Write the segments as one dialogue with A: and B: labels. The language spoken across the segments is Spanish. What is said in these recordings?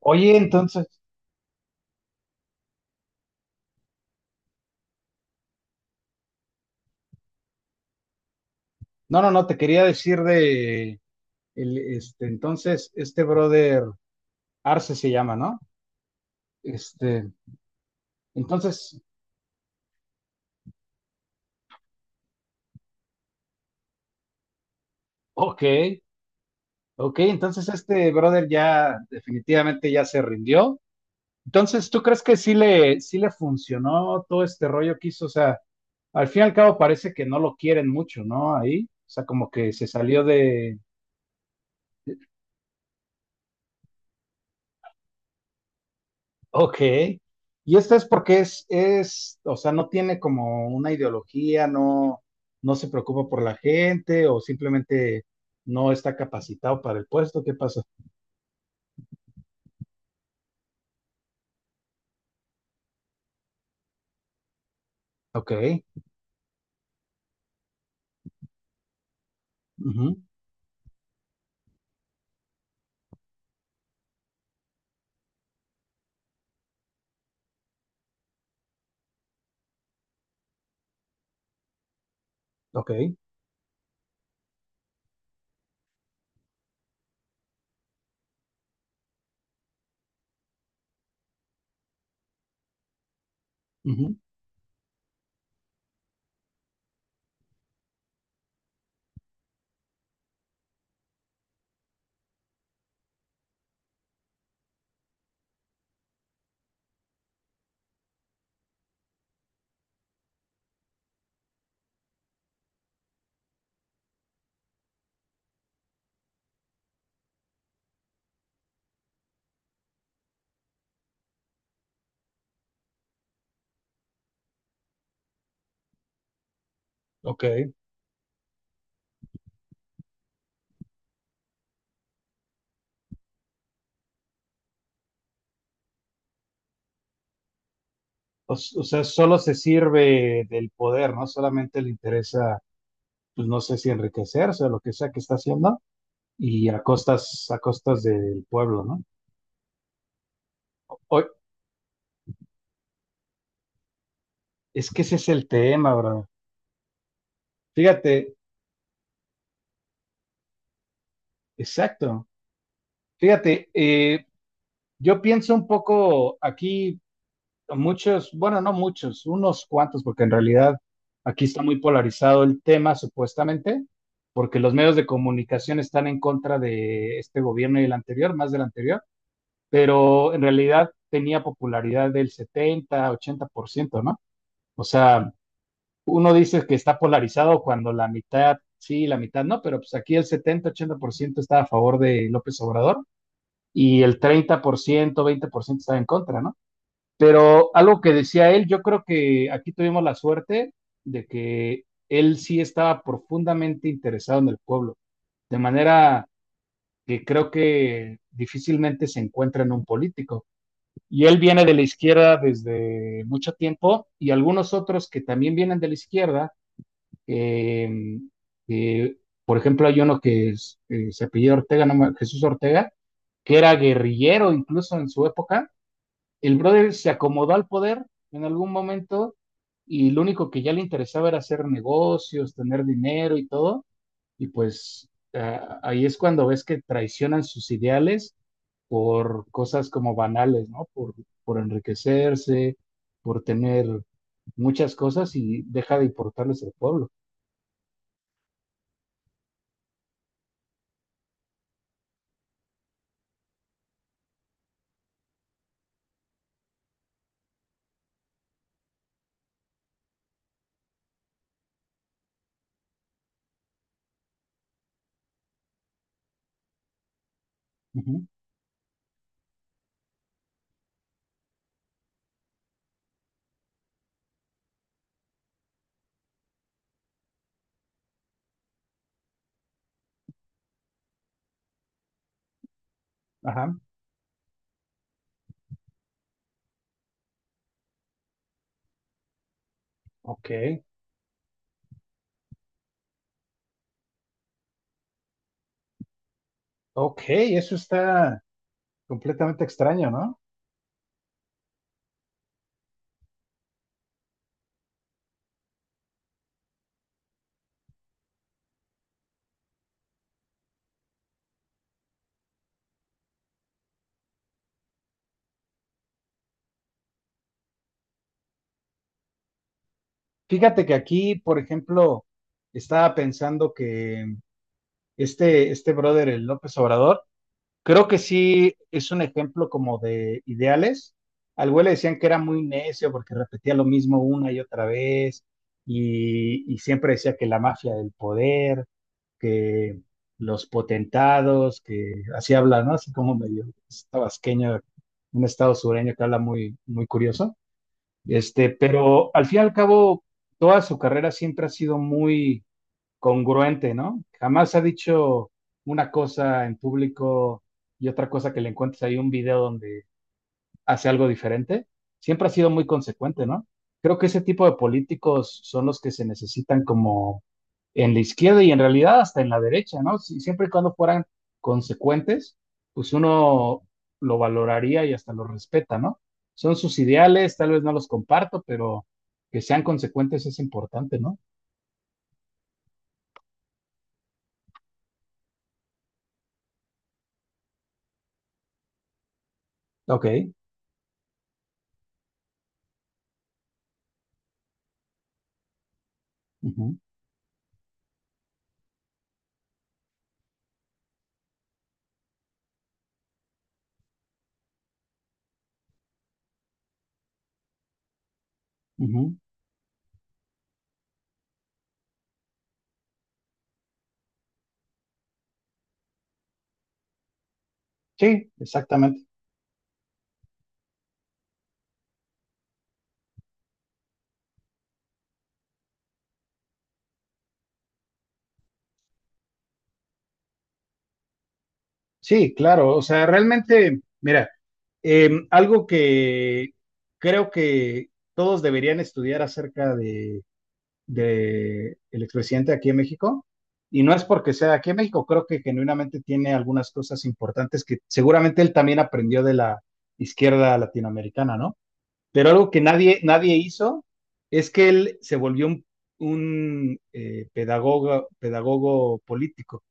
A: Oye, entonces, no, no, no, te quería decir de, el, este, entonces, este brother Arce se llama, ¿no? Este, entonces, ok, ok, entonces este brother ya definitivamente ya se rindió. Entonces, ¿tú crees que sí le funcionó todo este rollo que hizo? O sea, al fin y al cabo parece que no lo quieren mucho, ¿no? Ahí, o sea, como que se salió de, ok. Y este es porque es, o sea, no tiene como una ideología, no, no se preocupa por la gente o simplemente no está capacitado para el puesto. ¿Qué pasa? Ok. Ujú. Ok. Ujú. Ok. O sea, solo se sirve del poder, ¿no? Solamente le interesa, pues no sé si enriquecerse o lo que sea que está haciendo y a costas del pueblo, ¿no? Hoy, es que ese es el tema, bro. Fíjate, exacto. Fíjate, yo pienso un poco aquí, muchos, bueno, no muchos, unos cuantos, porque en realidad aquí está muy polarizado el tema, supuestamente, porque los medios de comunicación están en contra de este gobierno y el anterior, más del anterior, pero en realidad tenía popularidad del 70, 80%, ¿no? O sea, uno dice que está polarizado cuando la mitad sí, la mitad no, pero pues aquí el 70, 80% está a favor de López Obrador y el 30% 20% estaba en contra, ¿no? Pero algo que decía él, yo creo que aquí tuvimos la suerte de que él sí estaba profundamente interesado en el pueblo, de manera que creo que difícilmente se encuentra en un político. Y él viene de la izquierda desde mucho tiempo y algunos otros que también vienen de la izquierda eh, eh, por ejemplo, hay uno que es, se apellida Ortega, no Jesús Ortega, que era guerrillero incluso en su época. El brother se acomodó al poder en algún momento y lo único que ya le interesaba era hacer negocios, tener dinero y todo. Y pues ahí es cuando ves que traicionan sus ideales por cosas como banales, ¿no? Por enriquecerse, por tener muchas cosas y deja de importarles el pueblo. Ujú. Ajá. Ok, ok, eso está completamente extraño, ¿no? Fíjate que aquí, por ejemplo, estaba pensando que este brother, el López Obrador, creo que sí es un ejemplo como de ideales. Al güey le decían que era muy necio porque repetía lo mismo una y otra vez y siempre decía que la mafia del poder, que los potentados, que así habla, ¿no? Así como medio tabasqueño, un estado sureño que habla muy, muy curioso. Este, pero al fin y al cabo, toda su carrera siempre ha sido muy congruente, ¿no? Jamás ha dicho una cosa en público y otra cosa que le encuentres ahí un video donde hace algo diferente, siempre ha sido muy consecuente, ¿no? Creo que ese tipo de políticos son los que se necesitan como en la izquierda y en realidad hasta en la derecha, ¿no? Siempre y cuando fueran consecuentes, pues uno lo valoraría y hasta lo respeta, ¿no? Son sus ideales, tal vez no los comparto, pero que sean consecuentes es importante, ¿no? Ok. Ujú, ujú. Sí, exactamente. Sí, claro. O sea, realmente, mira. Algo que creo que todos deberían estudiar acerca de, el expresidente aquí en México, y no es porque sea aquí en México, creo que genuinamente tiene algunas cosas importantes que seguramente él también aprendió de la izquierda latinoamericana, ¿no? Pero algo que nadie, nadie hizo es que él se volvió un, un pedagogo político.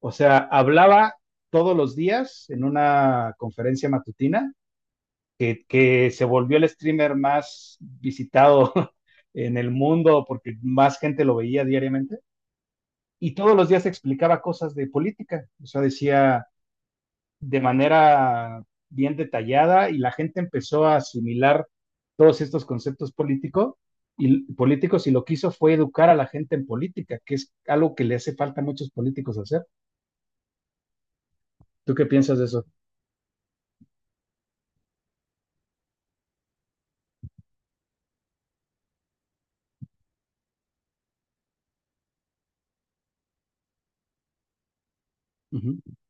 A: O sea, hablaba todos los días en una conferencia matutina que se volvió el streamer más visitado en el mundo porque más gente lo veía diariamente. Y todos los días explicaba cosas de política. O sea, decía de manera bien detallada y la gente empezó a asimilar todos estos conceptos políticos y lo que hizo fue educar a la gente en política, que es algo que le hace falta a muchos políticos hacer. ¿Tú qué piensas de eso? Uh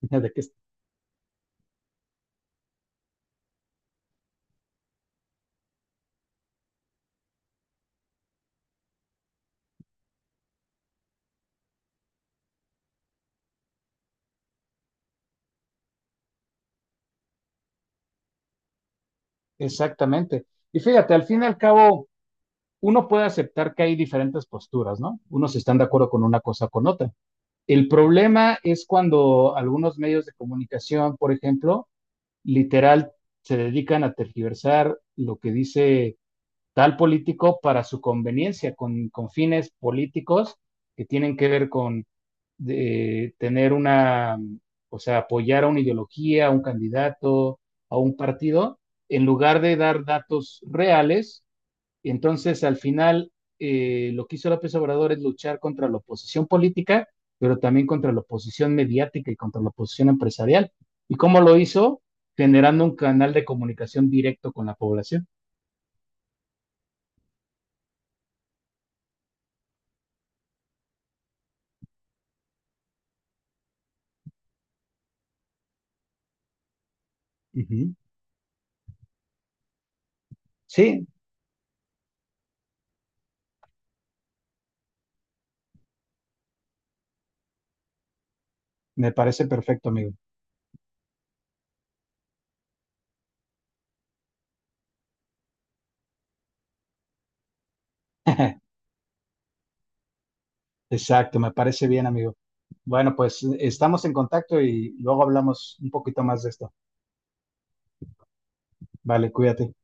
A: ¿De qué? Es? Exactamente. Y fíjate, al fin y al cabo, uno puede aceptar que hay diferentes posturas, ¿no? Unos están de acuerdo con una cosa o con otra. El problema es cuando algunos medios de comunicación, por ejemplo, literal se dedican a tergiversar lo que dice tal político para su conveniencia, con fines políticos que tienen que ver con tener una, o sea, apoyar a una ideología, a un candidato, a un partido, en lugar de dar datos reales y entonces, al final, lo que hizo López Obrador es luchar contra la oposición política, pero también contra la oposición mediática y contra la oposición empresarial. ¿Y cómo lo hizo? Generando un canal de comunicación directo con la población. Uh -huh. Sí, me parece perfecto, amigo. Exacto, me parece bien, amigo. Bueno, pues estamos en contacto y luego hablamos un poquito más de esto. Vale, cuídate.